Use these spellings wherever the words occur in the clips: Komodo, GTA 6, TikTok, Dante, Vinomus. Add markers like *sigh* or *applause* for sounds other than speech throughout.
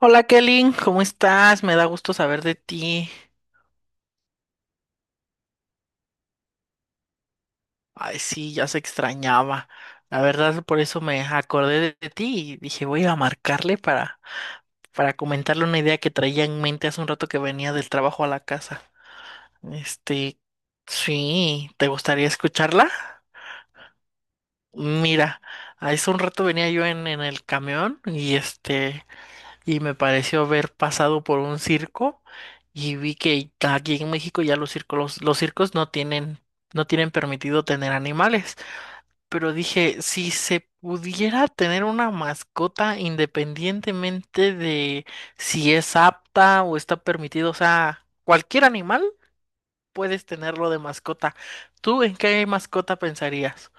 Hola Kelly, ¿cómo estás? Me da gusto saber de ti. Ay, sí, ya se extrañaba. La verdad, por eso me acordé de ti y dije, voy a marcarle para comentarle una idea que traía en mente hace un rato que venía del trabajo a la casa. Este, sí, ¿te gustaría escucharla? Mira, hace un rato venía yo en el camión y y me pareció haber pasado por un circo y vi que aquí en México ya los circos no tienen permitido tener animales. Pero dije, si se pudiera tener una mascota independientemente de si es apta o está permitido, o sea, cualquier animal puedes tenerlo de mascota. ¿Tú en qué mascota pensarías?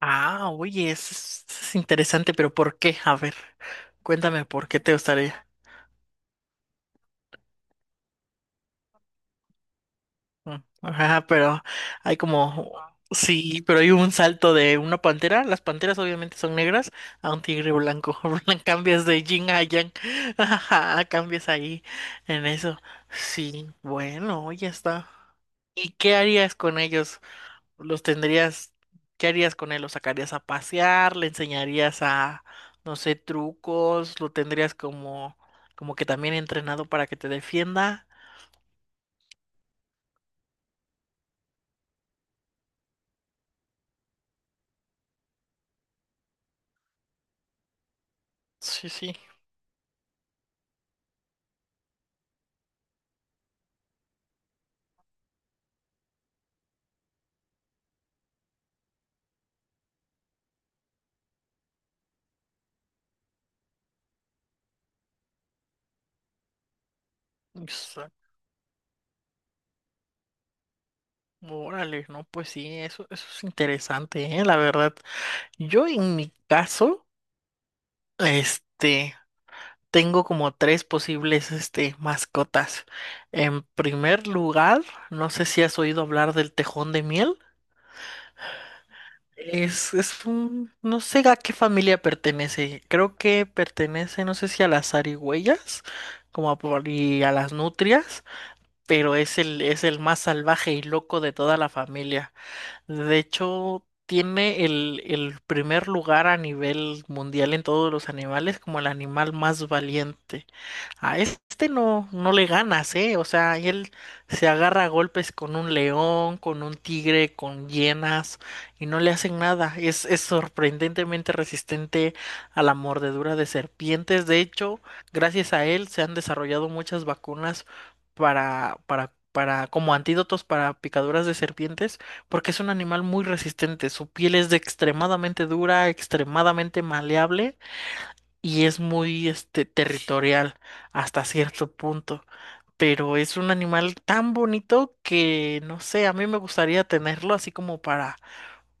Ah, oye, eso es interesante, pero ¿por qué? A ver, cuéntame por qué te gustaría. Mm, ajá, pero hay como, sí, pero hay un salto de una pantera. Las panteras obviamente son negras a un tigre blanco. *laughs* Cambias de yin a yang. *laughs* Ajá, cambias ahí en eso. Sí, bueno, ya está. ¿Y qué harías con ellos? ¿Los tendrías, ¿qué harías con él? ¿Lo sacarías a pasear? ¿Le enseñarías a, no sé, trucos? ¿Como que también entrenado para que te defienda? Sí, sí. Órale, no, pues sí, eso es interesante, ¿eh? La verdad. Yo en mi caso, este, tengo como tres posibles, mascotas. En primer lugar, no sé si has oído hablar del tejón de miel. Es un, no sé a qué familia pertenece. Creo que pertenece, no sé si a las zarigüeyas, y a las nutrias, pero es el más salvaje y loco de toda la familia. De hecho, tiene el primer lugar a nivel mundial en todos los animales como el animal más valiente. A este no le ganas, ¿eh? O sea, y él se agarra a golpes con un león, con un tigre, con hienas, y no le hacen nada. Es sorprendentemente resistente a la mordedura de serpientes. De hecho, gracias a él se han desarrollado muchas vacunas para, como antídotos para picaduras de serpientes, porque es un animal muy resistente. Su piel es de extremadamente dura, extremadamente maleable y es muy este territorial hasta cierto punto, pero es un animal tan bonito que no sé, a mí me gustaría tenerlo así como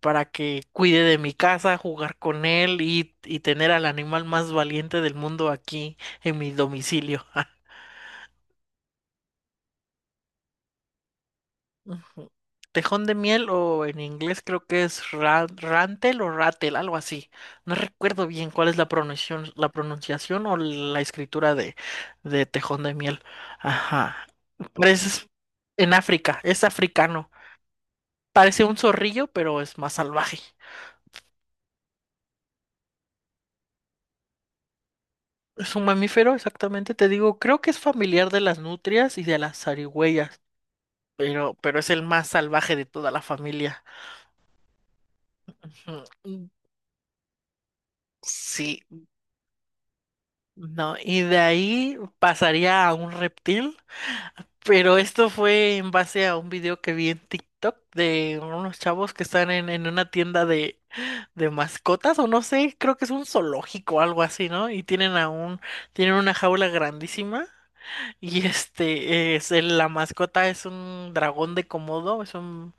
para que cuide de mi casa, jugar con él y tener al animal más valiente del mundo aquí en mi domicilio. *laughs* Ujú. Tejón de miel o en inglés creo que es rantel o ratel, algo así. No recuerdo bien cuál es la pronunciación o la escritura de tejón de miel. Ajá. Parece en África, es africano. Parece un zorrillo, pero es más salvaje. Es un mamífero, exactamente, te digo, creo que es familiar de las nutrias y de las zarigüeyas, pero es el más salvaje de toda la familia. Ujú. Sí, no, y de ahí pasaría a un reptil, pero esto fue en base a un video que vi en TikTok de unos chavos que están en una tienda de mascotas, o no sé, creo que es un zoológico o algo así, ¿no? Y tienen a un, tienen una jaula grandísima, y *laughs* este la mascota es un dragón de Komodo,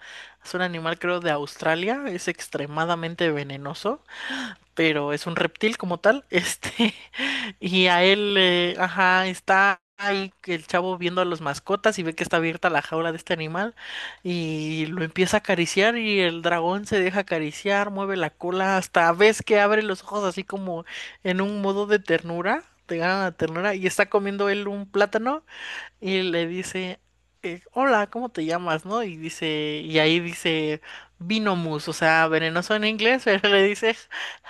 es un animal creo de Australia, es extremadamente venenoso pero es un reptil como tal, *laughs* y a él, ajá, está ahí el chavo viendo a las mascotas y ve que está abierta la jaula de este animal y lo empieza a acariciar y el dragón se deja acariciar, mueve la cola, hasta ves que abre los ojos así como en un modo de ternura, te gana la ternura y está comiendo él un plátano y le dice, hola, ¿cómo te llamas, no? Y dice, y ahí dice Vinomus, o sea, venenoso en inglés, *laughs* pero le dice,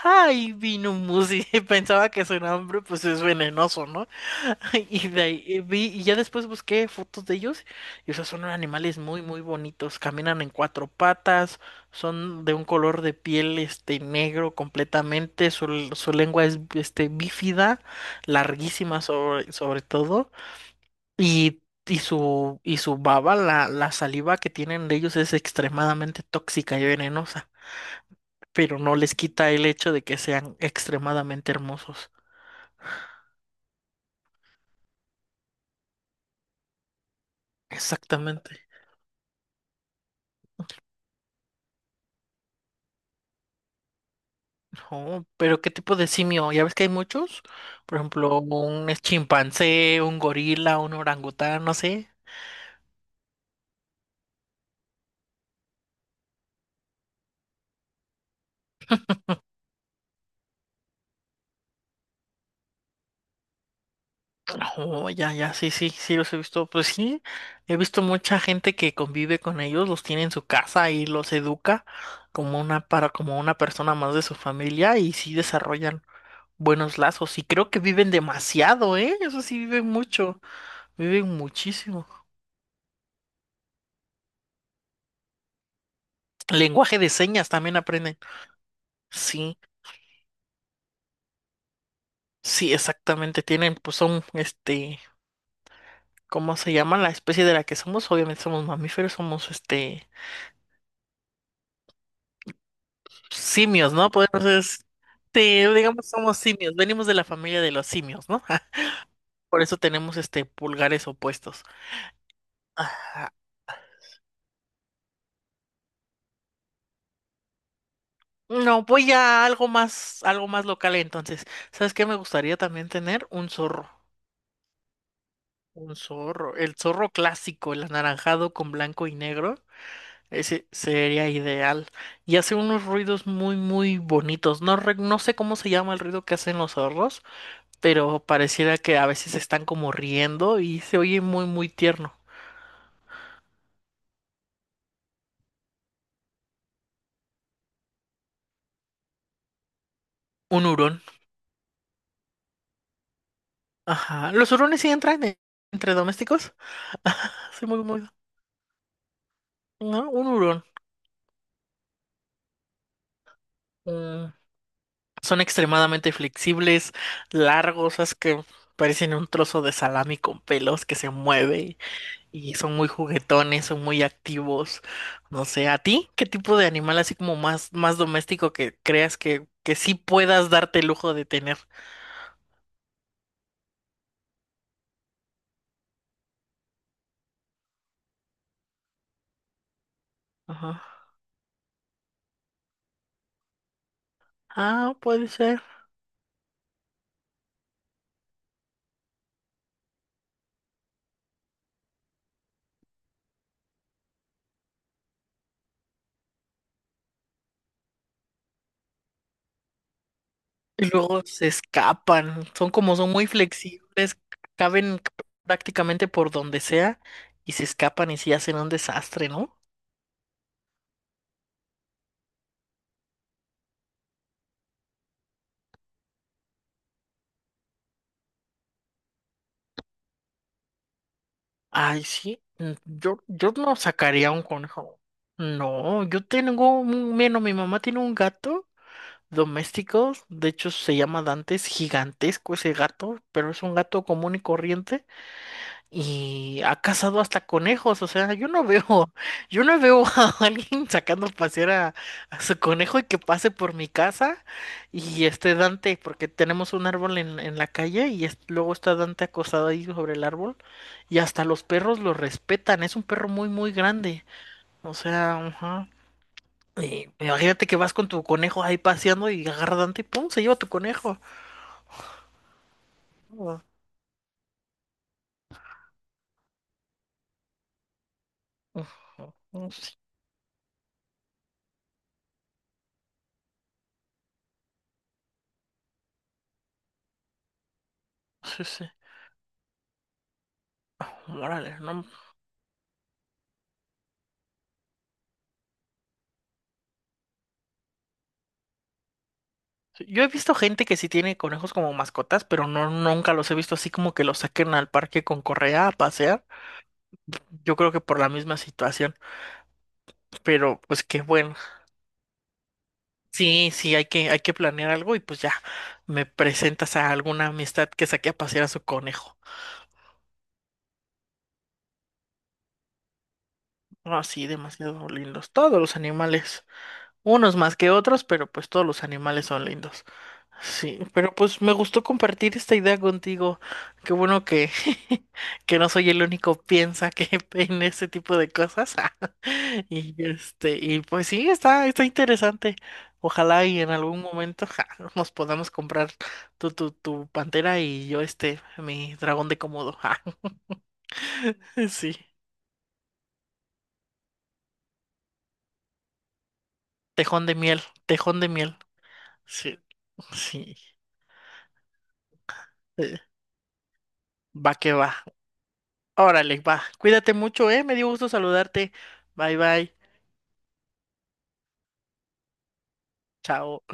hi, Vinomus, y *laughs* pensaba que su nombre, pues, es venenoso, ¿no? *laughs* Y de ahí y ya después busqué fotos de ellos, y o sea, son animales muy, muy bonitos, caminan en cuatro patas, son de un color de piel, negro completamente, su lengua es, bífida, larguísima sobre, sobre todo. Y, y su baba, la saliva que tienen de ellos es extremadamente tóxica y venenosa, pero no les quita el hecho de que sean extremadamente hermosos. Exactamente. No, pero ¿qué tipo de simio? Ya ves que hay muchos, por ejemplo, un chimpancé, un gorila, un orangután, no sé. Oh, ya, ya, sí, sí, sí, los he visto. Pues sí, he visto mucha gente que convive con ellos, los tiene en su casa y los educa como una, para, como una persona más de su familia y sí desarrollan buenos lazos. Y creo que viven demasiado, ¿eh? Eso sí, viven mucho, viven muchísimo. Lenguaje de señas también aprenden. Sí, sí, exactamente. Tienen, pues son, ¿cómo se llama? La especie de la que somos, obviamente somos mamíferos, somos, este simios, ¿no? Pues entonces, digamos, somos simios, venimos de la familia de los simios, ¿no? *laughs* Por eso tenemos este pulgares opuestos. Ajá. No, voy a algo más local entonces. ¿Sabes qué? Me gustaría también tener un zorro. Un zorro. El zorro clásico, el anaranjado con blanco y negro. Ese sería ideal. Y hace unos ruidos muy, muy bonitos. No sé cómo se llama el ruido que hacen los zorros, pero pareciera que a veces están como riendo y se oye muy, muy tierno. Un hurón. Ajá. Los hurones sí entre domésticos. *laughs* Soy muy, muy. No, un hurón. Mm. Son extremadamente flexibles, largos, es que parecen un trozo de salami con pelos que se mueve y son muy juguetones, son muy activos. No sé, ¿a ti qué tipo de animal así como más, más doméstico que creas que sí puedas darte el lujo de tener? Ajá. Ah, puede ser. Y luego se escapan, son como son muy flexibles, caben prácticamente por donde sea y se escapan y sí hacen un desastre, ¿no? Ay, sí, mm, yo no sacaría un conejo. No, yo tengo un, bueno, mi mamá tiene un gato doméstico, de hecho se llama Dante, es gigantesco ese gato, pero es un gato común y corriente. Y ha cazado hasta conejos, o sea, yo no veo, *laughs* yo no veo a *laughs* alguien sacando a pasear a su conejo y que pase por mi casa y esté Dante, porque tenemos un árbol en la calle luego está Dante acostado ahí sobre el árbol y hasta los perros lo respetan, es un perro muy, muy grande, o sea, ajá. Y imagínate que vas con tu conejo ahí paseando y agarra a Dante y ¡pum! Se lleva tu conejo. Ujú, ujú, sí, sí, sí. Órale, no. Yo he visto gente que sí tiene conejos como mascotas, pero no nunca los he visto así como que los saquen al parque con correa a pasear. Yo creo que por la misma situación, pero pues qué bueno. Sí, sí, hay que planear algo y pues ya me presentas a alguna amistad que saque a pasear a su conejo. No, sí, demasiado lindos todos los animales, unos más que otros, pero pues todos los animales son lindos. Sí, pero pues me gustó compartir esta idea contigo. Qué bueno que, *laughs* que no soy el único piensa que *laughs* en ese tipo de cosas. *laughs* Y y pues sí, está interesante. Ojalá y en algún momento *laughs* ja, nos podamos comprar tu pantera y yo este, mi dragón de Komodo. Ja. *laughs* Sí. Tejón de miel, tejón de miel. Sí, sí. Eh, va que va. Órale, va. Cuídate mucho, ¿eh? Me dio gusto saludarte. Bye, bye. Chao.